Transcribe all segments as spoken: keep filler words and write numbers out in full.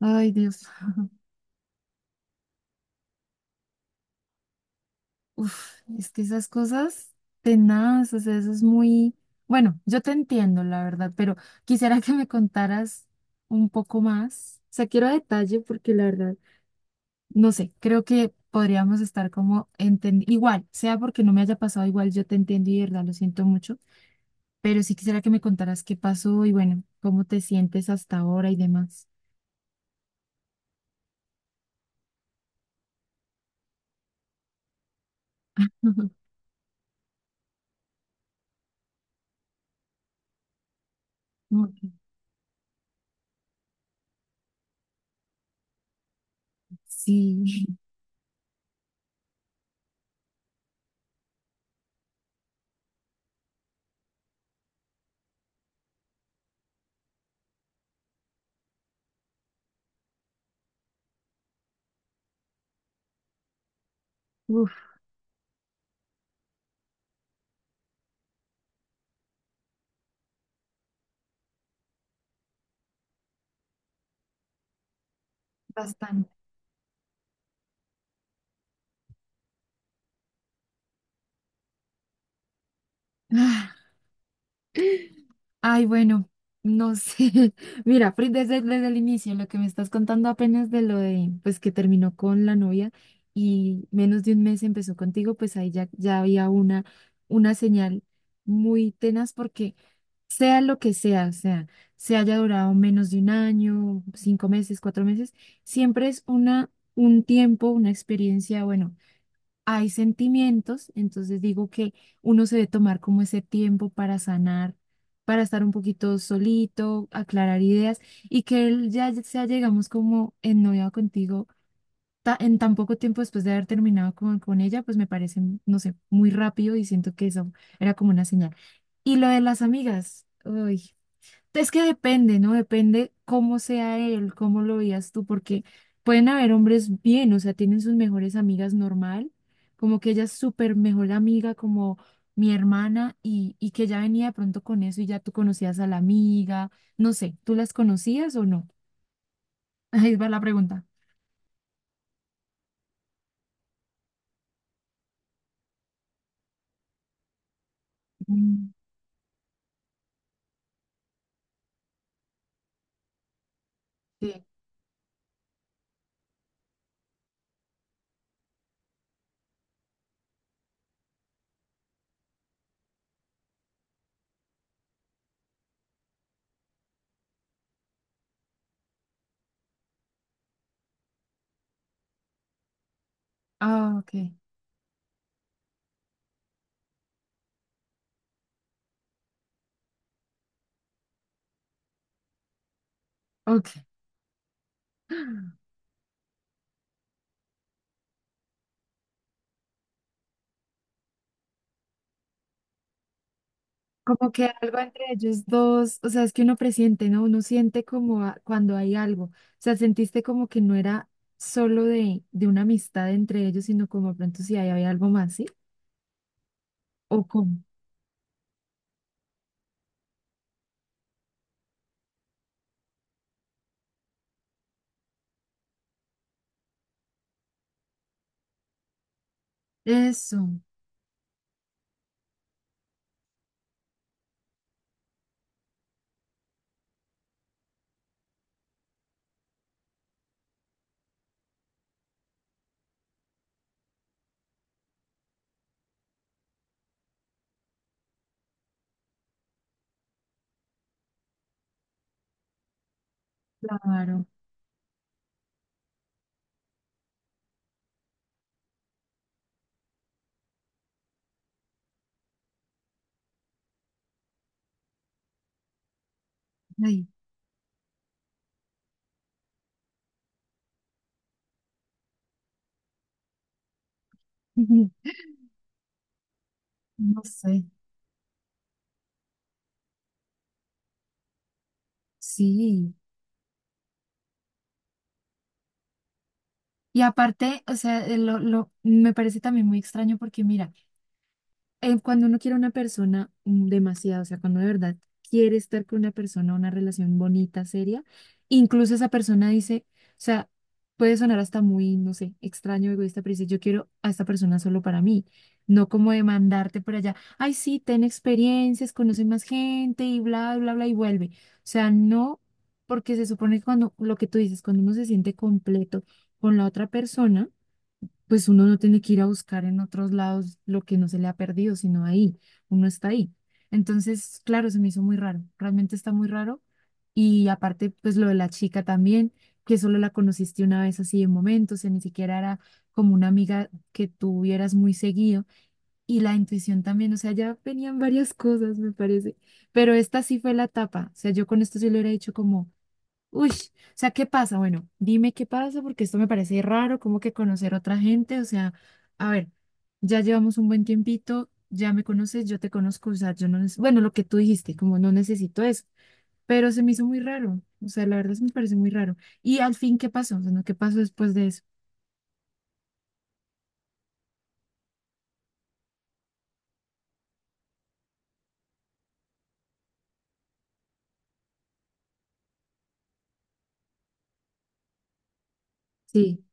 Ay, Dios. Uf, es que esas cosas tenaz, o sea, eso es muy. Bueno, yo te entiendo, la verdad, pero quisiera que me contaras un poco más. O sea, quiero detalle porque la verdad, no sé, creo que podríamos estar como entendiendo. Igual, sea porque no me haya pasado igual, yo te entiendo y de verdad lo siento mucho, pero sí quisiera que me contaras qué pasó y bueno, cómo te sientes hasta ahora y demás. Ok. Sí, uf, bastante. Ay, bueno, no sé. Mira, Fri- desde, desde el inicio, lo que me estás contando apenas de lo de, pues que terminó con la novia y menos de un mes empezó contigo, pues ahí ya, ya había una, una señal muy tenaz porque sea lo que sea, o sea, se haya durado menos de un año, cinco meses, cuatro meses, siempre es una, un tiempo, una experiencia, bueno hay sentimientos, entonces digo que uno se debe tomar como ese tiempo para sanar, para estar un poquito solito, aclarar ideas y que él ya sea, llegamos como ennoviado contigo ta- en tan poco tiempo después de haber terminado con, con ella, pues me parece, no sé, muy rápido y siento que eso era como una señal. Y lo de las amigas, uy, es que depende, ¿no? Depende cómo sea él, cómo lo veas tú, porque pueden haber hombres bien, o sea, tienen sus mejores amigas normal, como que ella es súper mejor amiga, como mi hermana, y, y que ya venía de pronto con eso y ya tú conocías a la amiga, no sé, ¿tú las conocías o no? Ahí va la pregunta. Mm. Sí. Ah, ok, ok. Como que algo entre ellos dos, o sea, es que uno presiente, ¿no? Uno siente como a- cuando hay algo, o sea, sentiste como que no era solo de, de una amistad entre ellos, sino como de pronto si ahí había algo más, ¿sí? ¿O cómo? Eso, claro, ay, no sé, sí. Y aparte, o sea, eh, lo, lo, me parece también muy extraño porque mira, eh, cuando uno quiere a una persona mm, demasiado, o sea, cuando de verdad quiere estar con una persona, una relación bonita, seria, incluso esa persona dice, o sea, puede sonar hasta muy, no sé, extraño, egoísta, pero dice, yo quiero a esta persona solo para mí, no como demandarte por allá, ay, sí, ten experiencias, conoce más gente y bla, bla, bla, y vuelve. O sea, no, porque se supone que cuando, lo que tú dices, cuando uno se siente completo con la otra persona, pues uno no tiene que ir a buscar en otros lados lo que no se le ha perdido, sino ahí, uno está ahí. Entonces, claro, se me hizo muy raro, realmente está muy raro. Y aparte, pues lo de la chica también, que solo la conociste una vez así de momento, o sea, ni siquiera era como una amiga que tuvieras muy seguido. Y la intuición también, o sea, ya venían varias cosas, me parece. Pero esta sí fue la tapa, o sea, yo con esto sí le hubiera dicho como. Uy, o sea, ¿qué pasa? Bueno, dime qué pasa porque esto me parece raro, como que conocer a otra gente, o sea, a ver, ya llevamos un buen tiempito, ya me conoces, yo te conozco, o sea, yo no, neces- bueno, lo que tú dijiste, como no necesito eso, pero se me hizo muy raro, o sea, la verdad se me parece muy raro. Y al fin, ¿qué pasó? O sea, ¿no? ¿Qué pasó después de eso? Sí,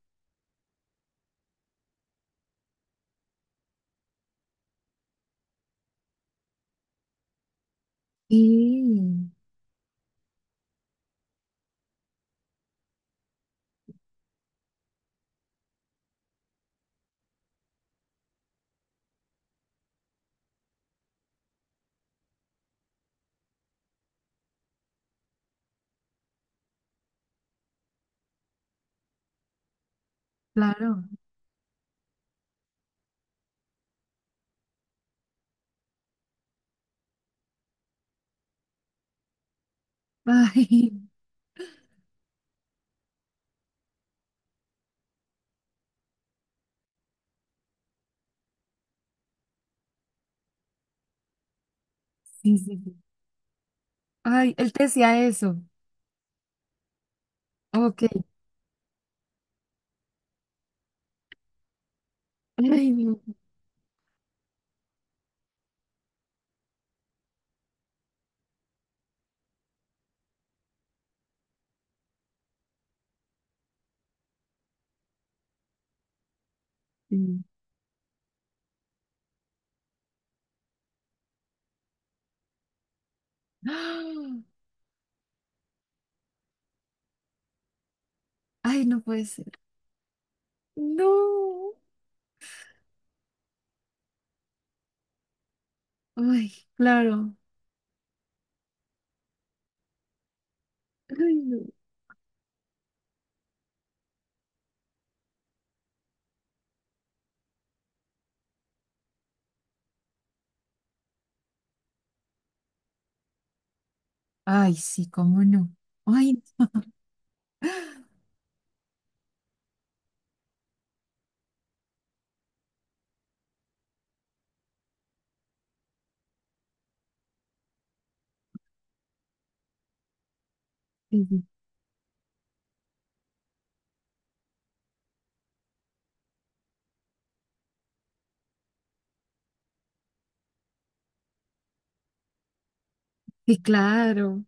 y claro, ay, sí, sí, sí. Ay, él te decía eso, ok. Ay, no, sí. ¡Ah! Ay, no puede ser. No. Ay, claro. Ay, no. Ay, sí, cómo no. Ay, sí, sí, sí, claro.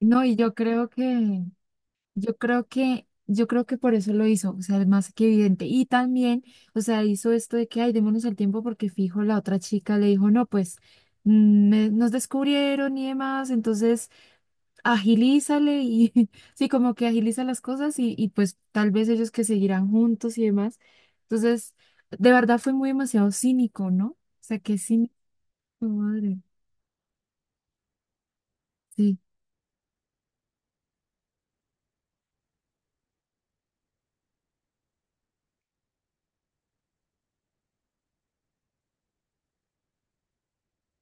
No, y yo creo que, yo creo que, yo creo que por eso lo hizo, o sea, es más que evidente. Y también, o sea, hizo esto de que, ay, démonos el tiempo porque fijo, la otra chica le dijo, no, pues mm, me- nos descubrieron y demás, entonces agilízale y sí, como que agiliza las cosas y, y pues tal vez ellos que seguirán juntos y demás. Entonces, de verdad fue muy demasiado cínico, ¿no? O sea, qué cínico, madre. Sí,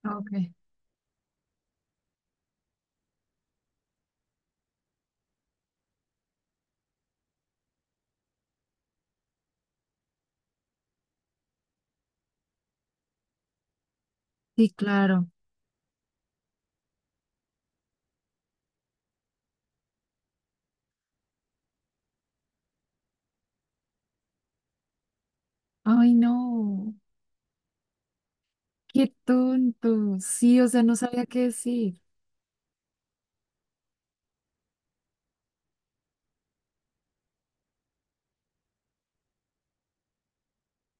Ok. Sí, claro. Ay, no, qué tonto. Sí, o sea, no sabía qué decir.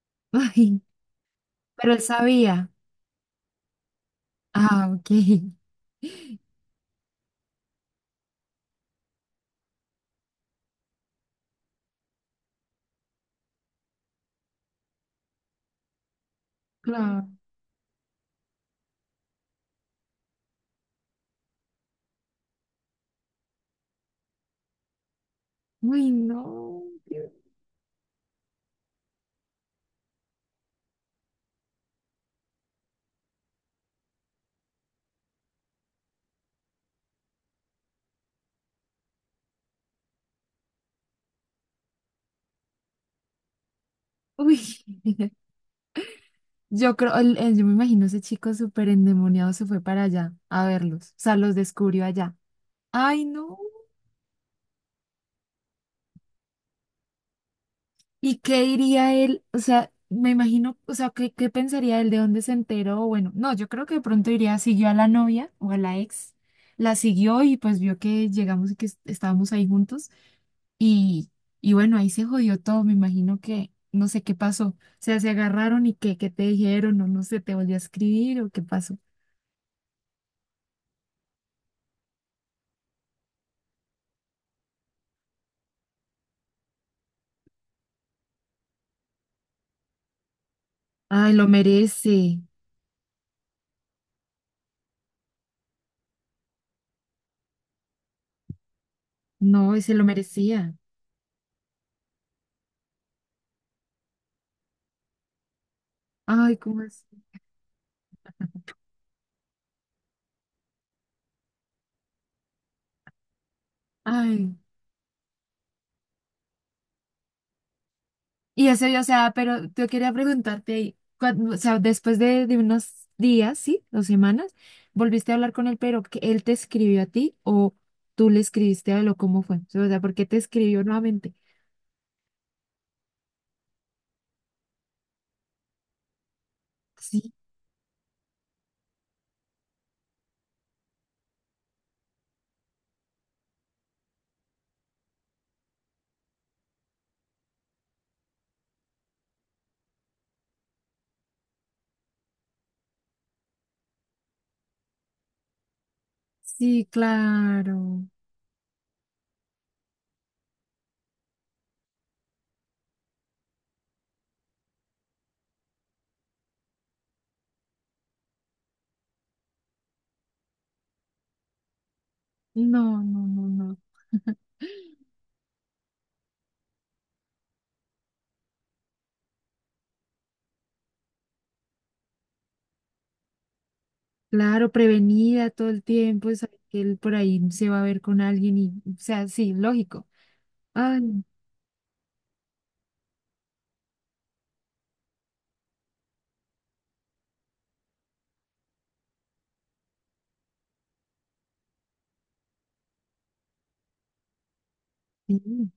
Ay, pero él sabía. Ah, ok. Claro. Uy, no. Uy. Yo creo, el- el- yo me imagino ese chico súper endemoniado se fue para allá a verlos, o sea, los descubrió allá. Ay, no. ¿Y qué diría él? O sea, me imagino, o sea, ¿qué, qué pensaría él de dónde se enteró? Bueno, no, yo creo que de pronto iría, siguió a la novia o a la ex, la siguió y pues vio que llegamos y que es- estábamos ahí juntos y, y bueno, ahí se jodió todo, me imagino que no sé qué pasó. O sea, se agarraron y qué, qué te dijeron o no sé, te volvió a escribir o qué pasó. Ay, lo merece. No, y se lo merecía. Ay, ¿cómo es? Ay. Y eso yo, o sea, pero yo quería preguntarte, ahí, cuan- o sea, después de, de unos días, ¿sí? Dos semanas, ¿volviste a hablar con él, pero que él te escribió a ti o tú le escribiste a él o cómo fue? O sea, ¿por qué te escribió nuevamente? Sí, sí, claro. No, no, no, no. Claro, prevenida todo el tiempo, es que él por ahí se va a ver con alguien y, o sea, sí, lógico. Ay, sí.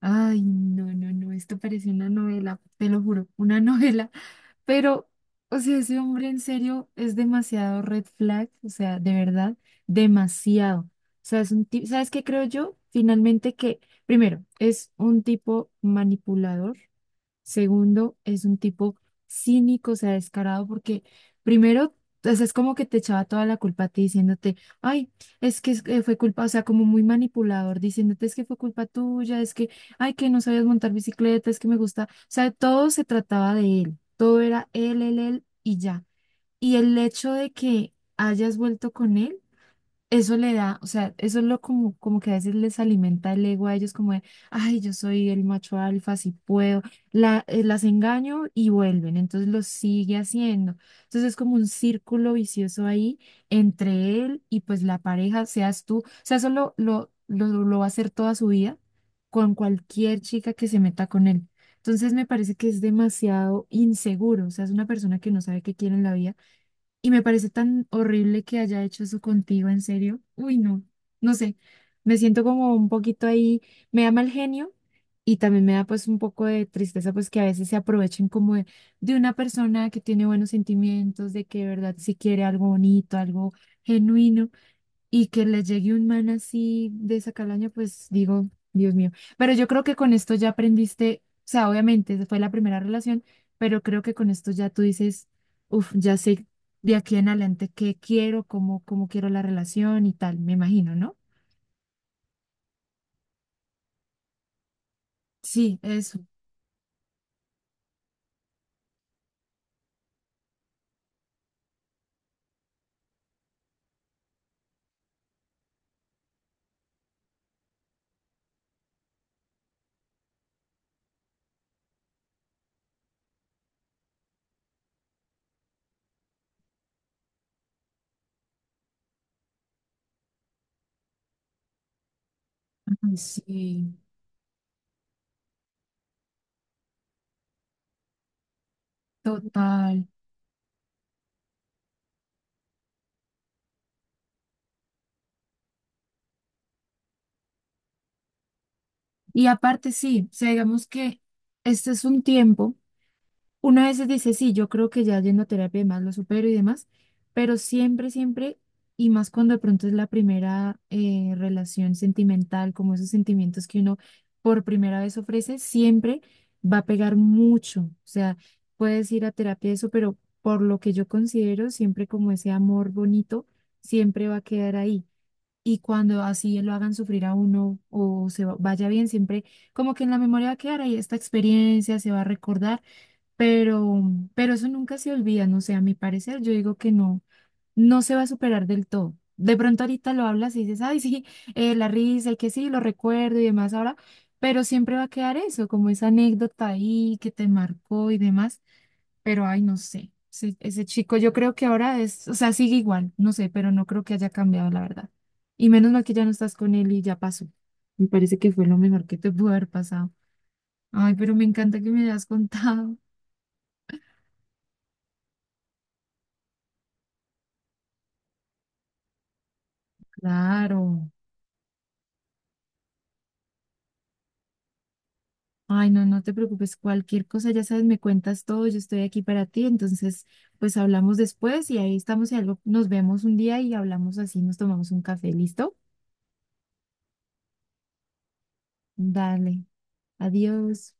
Ay, no, no, no, esto parece una novela, te lo juro, una novela. Pero, o sea, ese hombre en serio es demasiado red flag, o sea, de verdad, demasiado. O sea, es un tipo, ¿sabes qué creo yo? Finalmente que, primero, es un tipo manipulador. Segundo, es un tipo cínico, o sea, descarado, porque primero, o sea, es como que te echaba toda la culpa a ti diciéndote, ay, es que es- eh, fue culpa, o sea, como muy manipulador, diciéndote es que fue culpa tuya, es que, ay, que no sabías montar bicicleta, es que me gusta, o sea, todo se trataba de él, todo era él, él, él y ya. Y el hecho de que hayas vuelto con él eso le da, o sea, eso es lo como, como que a veces les alimenta el ego a ellos como de, ay, yo soy el macho alfa, si puedo, la, eh, las engaño y vuelven, entonces lo sigue haciendo. Entonces es como un círculo vicioso ahí entre él y pues la pareja, seas tú, o sea, eso lo, lo, lo, lo va a hacer toda su vida con cualquier chica que se meta con él. Entonces me parece que es demasiado inseguro, o sea, es una persona que no sabe qué quiere en la vida y me parece tan horrible que haya hecho eso contigo, en serio. Uy, no, no sé. Me siento como un poquito ahí, me da mal genio y también me da pues un poco de tristeza pues que a veces se aprovechen como de, de una persona que tiene buenos sentimientos, de que de verdad si quiere algo bonito, algo genuino y que les llegue un man así de esa calaña, pues digo, Dios mío. Pero yo creo que con esto ya aprendiste, o sea, obviamente esa fue la primera relación, pero creo que con esto ya tú dices, uff, ya sé de aquí en adelante qué quiero, cómo, cómo quiero la relación y tal, me imagino, ¿no? Sí, eso, ay, sí, total. Y aparte, sí, o sea, digamos que este es un tiempo. Una a veces dice, sí, yo creo que ya yendo a terapia y demás lo supero y demás, pero siempre, siempre, y más cuando de pronto es la primera eh, relación sentimental, como esos sentimientos que uno por primera vez ofrece, siempre va a pegar mucho. O sea, puedes ir a terapia y eso, pero por lo que yo considero, siempre como ese amor bonito, siempre va a quedar ahí. Y cuando así lo hagan sufrir a uno o se va- vaya bien, siempre como que en la memoria va a quedar ahí esta experiencia, se va a recordar, pero, pero eso nunca se olvida, no sé, a mi parecer, yo digo que no, no se va a superar del todo. De pronto ahorita lo hablas y dices, ay, sí, eh, la risa y que sí, lo recuerdo y demás ahora, pero siempre va a quedar eso, como esa anécdota ahí que te marcó y demás, pero ay, no sé, ese, ese chico yo creo que ahora es, o sea, sigue igual, no sé, pero no creo que haya cambiado, la verdad. Y menos mal que ya no estás con él y ya pasó. Me parece que fue lo mejor que te pudo haber pasado. Ay, pero me encanta que me hayas contado. Claro. Ay, no, no te preocupes, cualquier cosa, ya sabes, me cuentas todo, yo estoy aquí para ti, entonces, pues hablamos después y ahí estamos, y algo, nos vemos un día y hablamos así, nos tomamos un café, ¿listo? Dale, adiós.